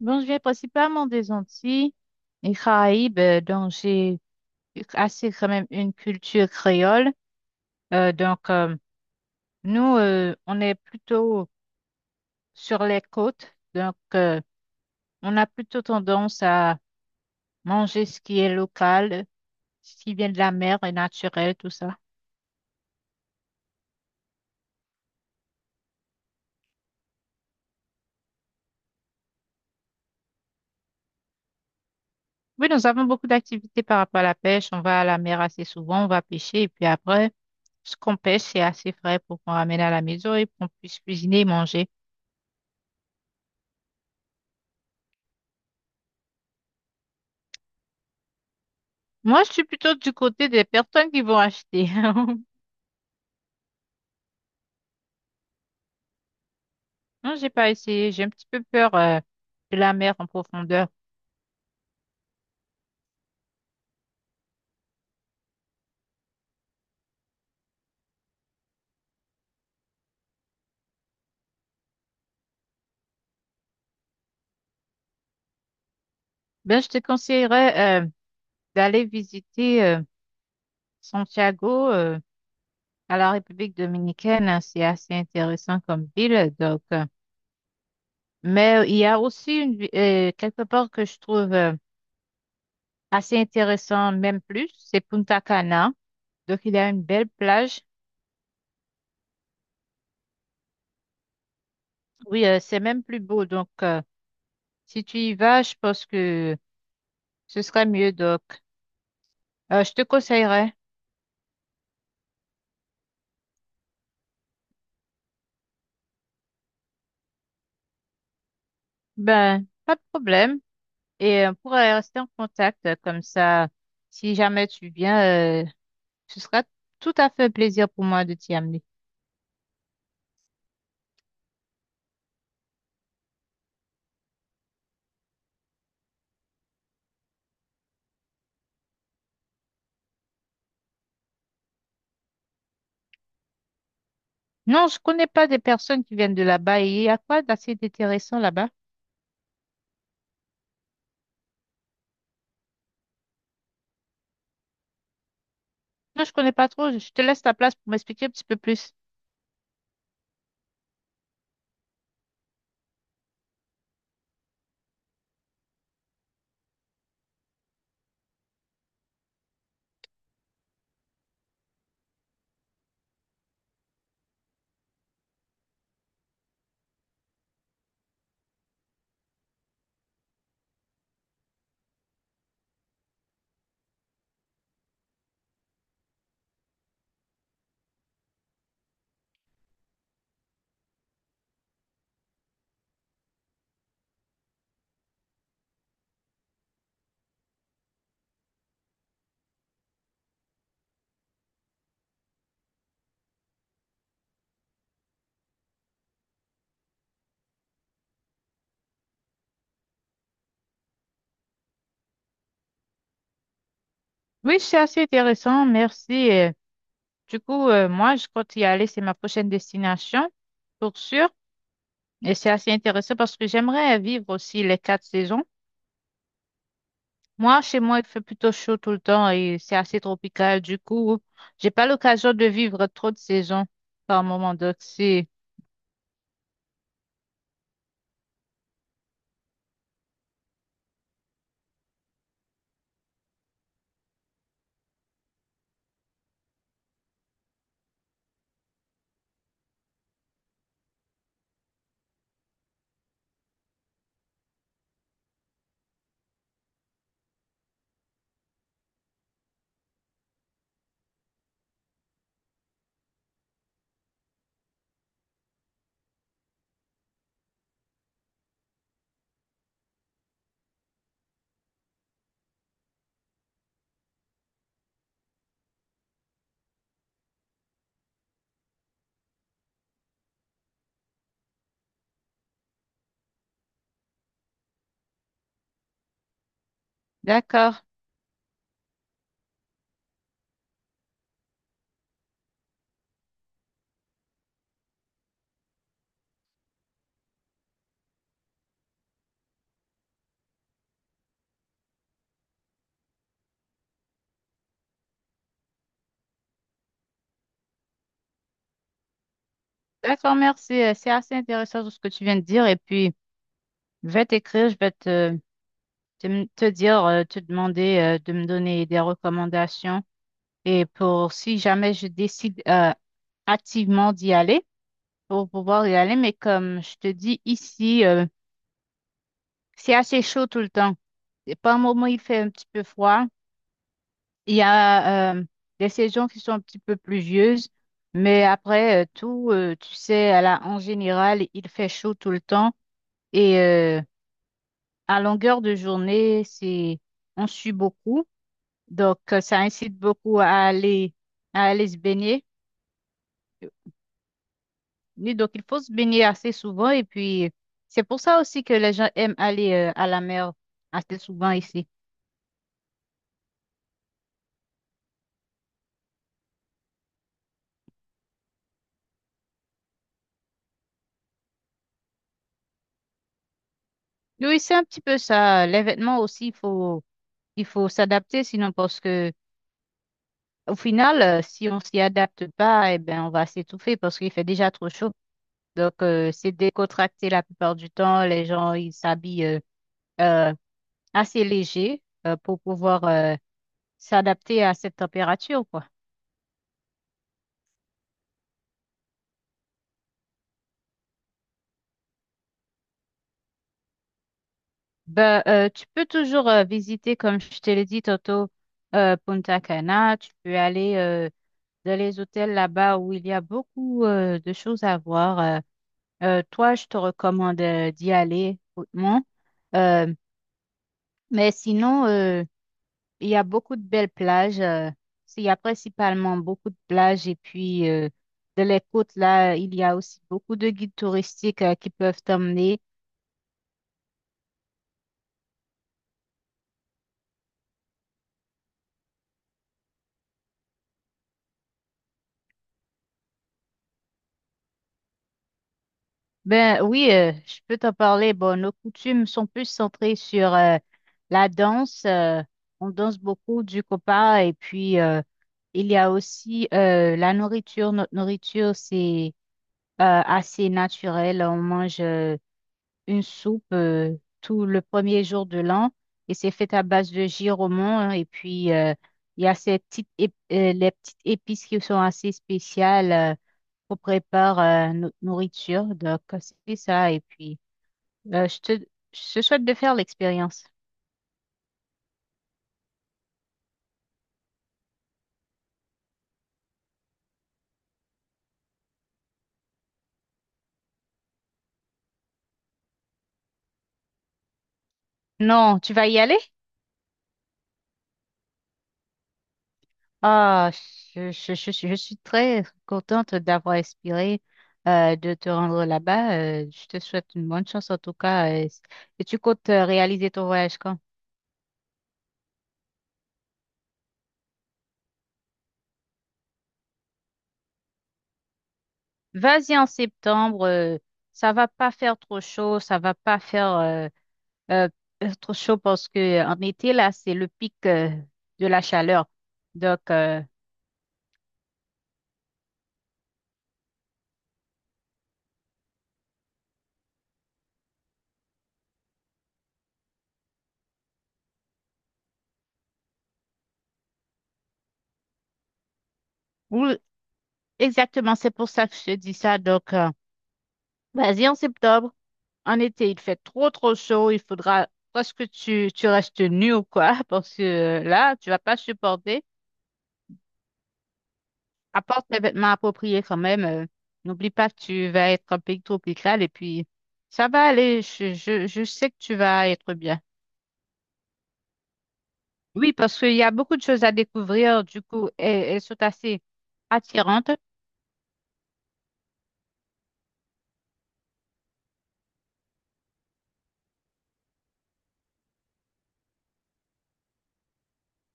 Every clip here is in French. Bon, je viens principalement des Antilles et Caraïbes, donc j'ai assez quand même une culture créole. Euh, donc, euh, nous, on est plutôt sur les côtes, donc on a plutôt tendance à manger ce qui est local, ce qui vient de la mer et naturel, tout ça. Oui, nous avons beaucoup d'activités par rapport à la pêche. On va à la mer assez souvent, on va pêcher et puis après, ce qu'on pêche, c'est assez frais pour qu'on ramène à la maison et qu'on puisse cuisiner et manger. Moi, je suis plutôt du côté des personnes qui vont acheter. Non, j'ai pas essayé. J'ai un petit peu peur de la mer en profondeur. Ben, je te conseillerais d'aller visiter Santiago, à la République dominicaine, hein. C'est assez intéressant comme ville. Mais il y a aussi quelque part que je trouve assez intéressant, même plus, c'est Punta Cana. Donc, il y a une belle plage. Oui, c'est même plus beau. Donc, si tu y vas, je pense que ce serait mieux. Donc, je te conseillerais. Ben, pas de problème. Et on pourrait rester en contact comme ça. Si jamais tu viens, euh, ce sera tout à fait un plaisir pour moi de t'y amener. Non, je connais pas des personnes qui viennent de là-bas. Et il y a quoi d'assez intéressant là-bas? Non, je connais pas trop. Je te laisse ta place pour m'expliquer un petit peu plus. Oui, c'est assez intéressant. Merci. Du coup, moi, je compte y aller. C'est ma prochaine destination, pour sûr. Et c'est assez intéressant parce que j'aimerais vivre aussi les quatre saisons. Moi, chez moi, il fait plutôt chaud tout le temps et c'est assez tropical. Du coup, j'ai pas l'occasion de vivre trop de saisons par moment. Donc, c'est d'accord. D'accord, merci. C'est assez intéressant tout ce que tu viens de dire. Et puis, je vais t'écrire, je vais te, te, m- te dire, te demander de me donner des recommandations. Et pour si jamais je décide activement d'y aller, pour pouvoir y aller. Mais comme je te dis, ici, c'est assez chaud tout le temps. Et par moment, il fait un petit peu froid. Il y a des saisons qui sont un petit peu pluvieuses, mais après, tu sais, en général, il fait chaud tout le temps et à longueur de journée, c'est on sue beaucoup, donc ça incite beaucoup à aller se baigner. Et donc il faut se baigner assez souvent et puis c'est pour ça aussi que les gens aiment aller à la mer assez souvent ici. Oui, c'est un petit peu ça. Les vêtements aussi, il faut s'adapter sinon parce que au final, si on s'y adapte pas, eh ben, on va s'étouffer parce qu'il fait déjà trop chaud. Donc, c'est décontracté la plupart du temps. Les gens, ils s'habillent euh, assez léger pour pouvoir s'adapter à cette température, quoi. Ben, tu peux toujours visiter, comme je te l'ai dit tantôt, Punta Cana. Tu peux aller dans les hôtels là-bas où il y a beaucoup de choses à voir. Toi, je te recommande d'y aller hautement. Euh, Mais sinon, il y a beaucoup de belles plages. Il y a principalement beaucoup de plages. Et puis, de les côtes, là, il y a aussi beaucoup de guides touristiques qui peuvent t'emmener. Ben oui, je peux t'en parler. Bon, nos coutumes sont plus centrées sur la danse. On danse beaucoup du copa. Et puis, il y a aussi la nourriture. Notre nourriture, c'est assez naturel. On mange une soupe tout le premier jour de l'an et c'est fait à base de giraumon, hein, et puis il y a les petites épices qui sont assez spéciales qu'on prépare notre nourriture, donc c'est ça et puis euh, je te je te souhaite de faire l'expérience. Non, tu vas y aller? Ah, je suis très contente d'avoir inspiré, de te rendre là-bas. Je te souhaite une bonne chance en tout cas. Et tu comptes réaliser ton voyage quand? Vas-y en septembre, ça va pas faire trop chaud, ça va pas faire euh, trop chaud parce que en été là, c'est le pic de la chaleur. Donc, oui, exactement, c'est pour ça que je te dis ça. Donc, vas-y en septembre, en été, il fait trop trop chaud, il faudra presque tu restes nu ou quoi parce que là, tu vas pas supporter. Apporte tes vêtements appropriés quand même. N'oublie pas que tu vas être un pays tropical et puis ça va aller. Je sais que tu vas être bien. Oui, parce qu'il y a beaucoup de choses à découvrir. Du coup, elles, elles sont assez attirantes.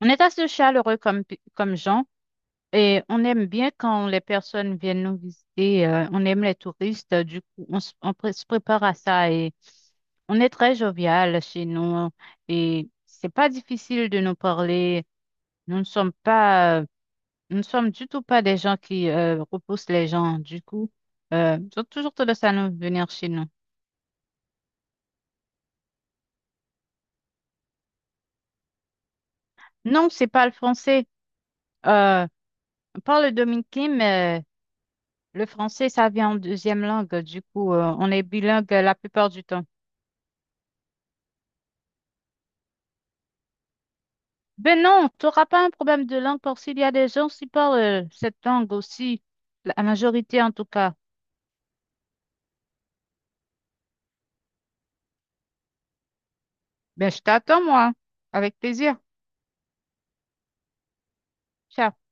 On est assez chaleureux comme, comme gens et on aime bien quand les personnes viennent nous visiter. On aime les touristes. Du coup, on, s- on pré- se prépare à ça et on est très jovial chez nous et c'est pas difficile de nous parler. Nous ne sommes pas. euh, Nous ne sommes du tout pas des gens qui repoussent les gens. Du coup, ils ont toujours tendance à nous venir chez nous. Non, c'est pas le français. Euh, on parle le dominicain, mais le français, ça vient en deuxième langue. Du coup, on est bilingue la plupart du temps. Ben non, tu n'auras pas un problème de langue parce qu'il y a des gens qui parlent cette langue aussi, la majorité en tout cas. Ben je t'attends, moi, avec plaisir. Ciao.